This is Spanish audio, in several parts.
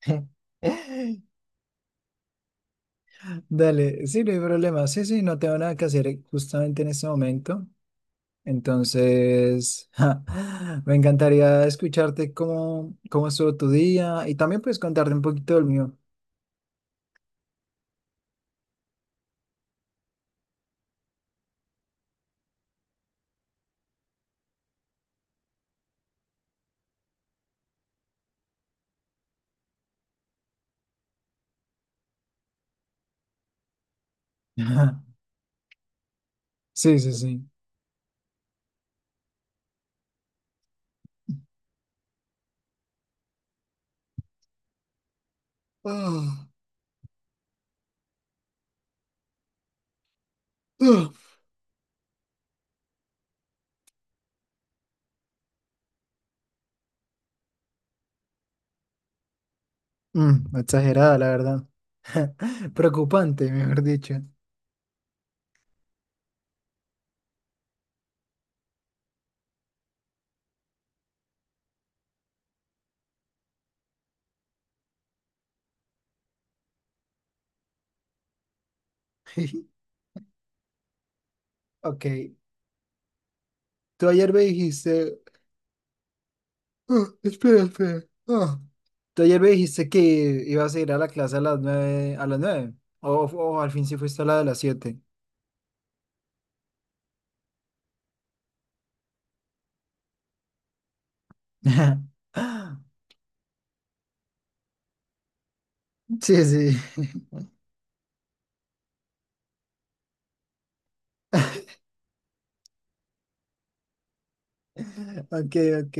Dale, sí, no hay problema. Sí, sí, no tengo nada que hacer justamente en este momento. Entonces, me encantaría escucharte cómo estuvo tu día y también puedes contarte un poquito del mío. Sí, sí, sí. Ah, ah. Mm, exagerada, la verdad. Preocupante, mejor dicho. Ok, tú ayer me dijiste. Espera. Tú ayer me dijiste que ibas a ir a la clase a las nueve, a las nueve. O al fin sí fuiste a la de las siete. Sí, sí. Ok, ok.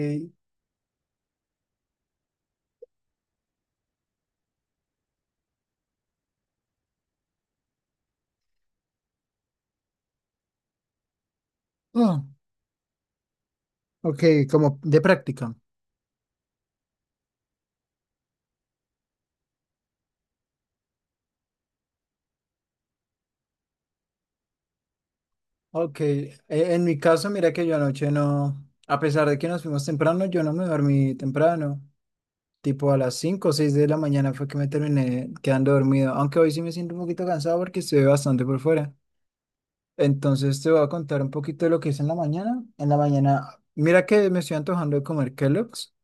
Ah, ok, como de práctica. Ok, en mi caso, mira que yo anoche no, a pesar de que nos fuimos temprano, yo no me dormí temprano. Tipo a las 5 o 6 de la mañana fue que me terminé quedando dormido. Aunque hoy sí me siento un poquito cansado porque estuve bastante por fuera. Entonces te voy a contar un poquito de lo que hice en la mañana. En la mañana, mira que me estoy antojando de comer Kellogg's.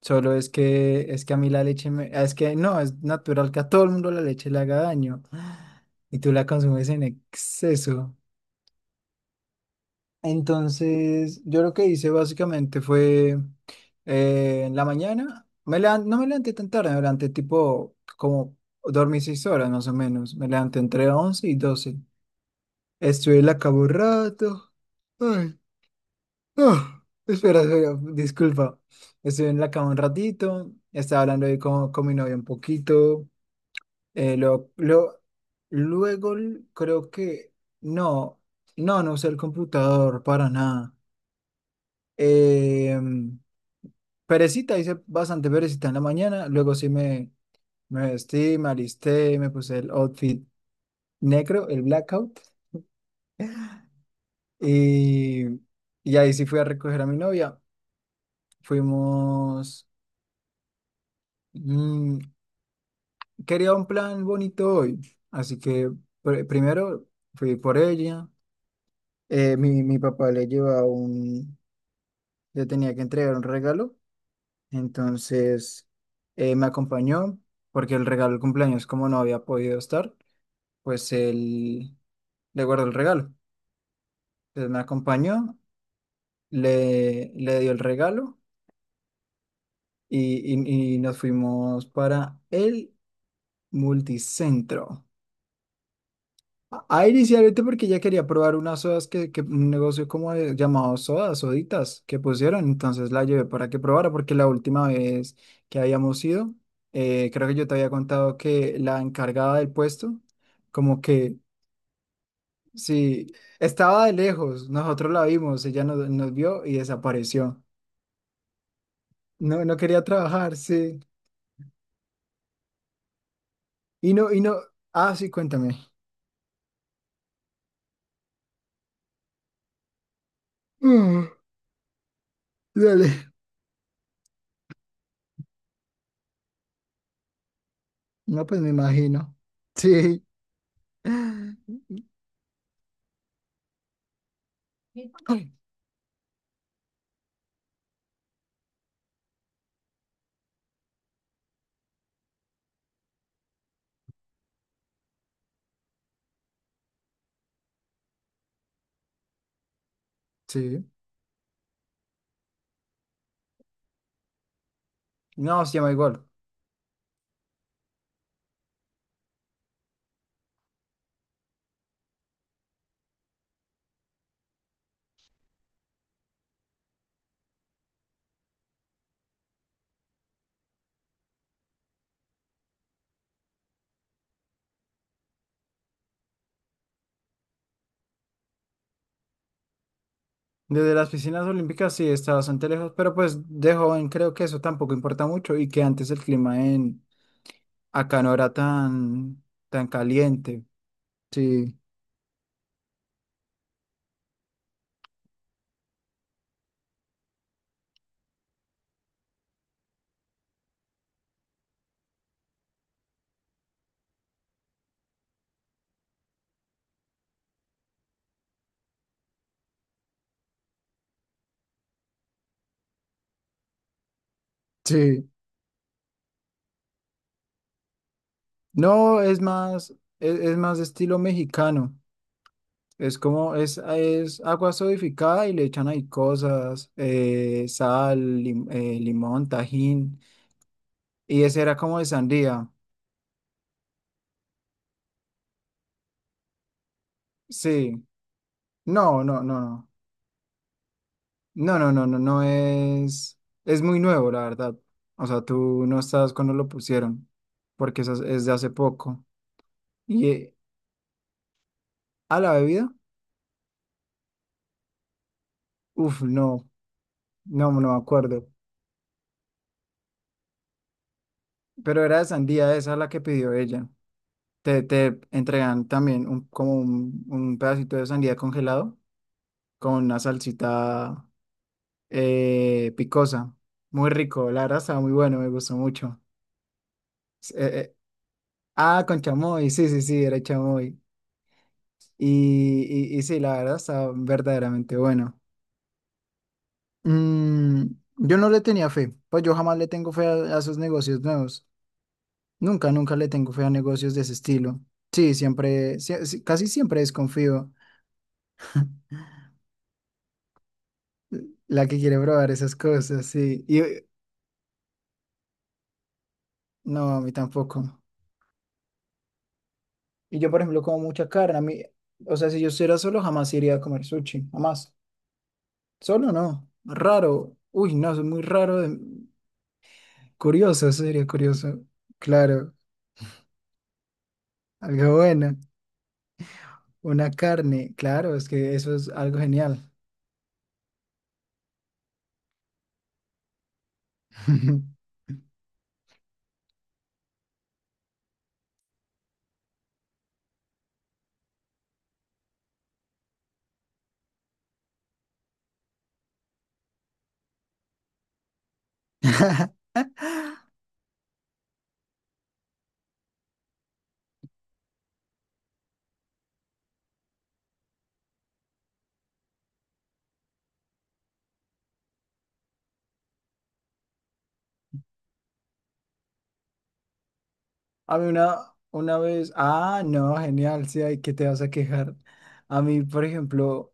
Solo es que a mí la leche me, es que no, es natural que a todo el mundo la leche le haga daño. Y tú la consumes en exceso. Entonces, yo lo que hice básicamente fue en la mañana, no me levanté tan tarde, me levanté tipo como dormí seis horas más o menos. Me levanté entre 11 y doce. Estuve en la cama un rato. Espera, disculpa. Estuve en la cama un ratito, estaba hablando ahí con mi novia un poquito. eh, lo, lo- creo que no, no, no usé el computador para nada. Eh, perecita, hice bastante perecita en la mañana. Luego sí me vestí, me alisté, me puse el outfit negro, el blackout. Y, y ahí sí fui a recoger a mi novia. Fuimos. mm, quería un plan bonito hoy, así que primero fui por ella. Mi papá le llevaba un, le tenía que entregar un regalo, entonces me acompañó porque el regalo del cumpleaños, como no había podido estar, pues él le guardó el regalo. Entonces me acompañó, le dio el regalo y, y nos fuimos para el multicentro. Inicialmente porque ella quería probar unas sodas que un negocio como llamado sodas, soditas, que pusieron, entonces la llevé para que probara, porque la última vez que habíamos ido, creo que yo te había contado que la encargada del puesto, como que sí, estaba de lejos, nosotros la vimos, ella nos, nos vio y desapareció. No, no quería trabajar, sí. Y no, ah, sí, cuéntame. Mm, dale. No, pues me imagino. Sí. Sí. No, se llama igual. Desde las piscinas olímpicas sí está bastante lejos, pero pues de joven creo que eso tampoco importa mucho y que antes el clima en acá no era tan caliente. Sí, sí. No, es más, es más de estilo mexicano. Es como, es agua sodificada y le echan ahí cosas, sal, limón, tajín. Y ese era como de sandía. Sí. No, no, no, no. No, no, no, no, no es, es muy nuevo, la verdad. O sea, tú no estás cuando lo pusieron, porque eso es de hace poco. Y eh, a la bebida, no, no, no me acuerdo. Pero era de sandía, esa la que pidió ella. Te entregan también un, como un pedacito de sandía congelado con una salsita picosa. Muy rico, la verdad estaba muy bueno, me gustó mucho. S- eh, eh, con chamoy, sí, sí, sí, era chamoy. Y, y sí, la verdad está verdaderamente bueno. Mm, yo no le tenía fe, pues yo jamás le tengo fe a esos negocios nuevos. Nunca, nunca le tengo fe a negocios de ese estilo. Sí, sí, casi siempre desconfío. La que quiere probar esas cosas, sí. No, a mí tampoco. Y yo, por ejemplo, como mucha carne, a mí, o sea, si yo estuviera solo, jamás iría a comer sushi, jamás. Solo no, raro. Uy, no, es muy raro. Curioso, eso sería curioso. Claro. Algo bueno, una carne, claro, es que eso es algo genial. A mí una vez, ah, no, genial, sí, hay que te vas a quejar. A mí, por ejemplo,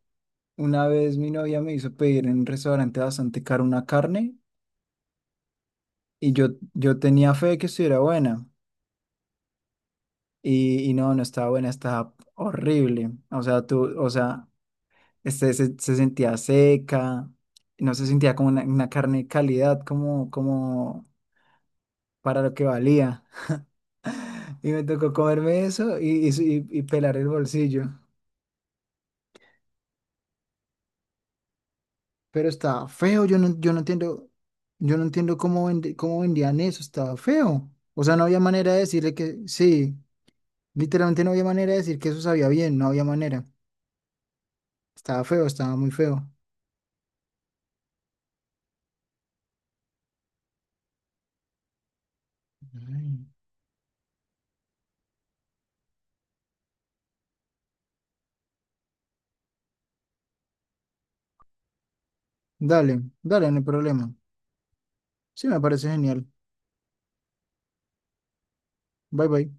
una vez mi novia me hizo pedir en un restaurante bastante caro una carne y yo tenía fe de que estuviera buena y no, no estaba buena, estaba horrible. O sea, tú, o sea, se, se sentía seca, no se sentía como una carne de calidad, como, como para lo que valía. Y me tocó comerme eso y, y pelar el bolsillo. Pero estaba feo, yo no, yo no entiendo cómo, cómo vendían eso, estaba feo. O sea, no había manera de decirle que sí, literalmente no había manera de decir que eso sabía bien, no había manera. Estaba feo, estaba muy feo. Ay. Dale, dale, no hay problema. Sí, me parece genial. Bye bye.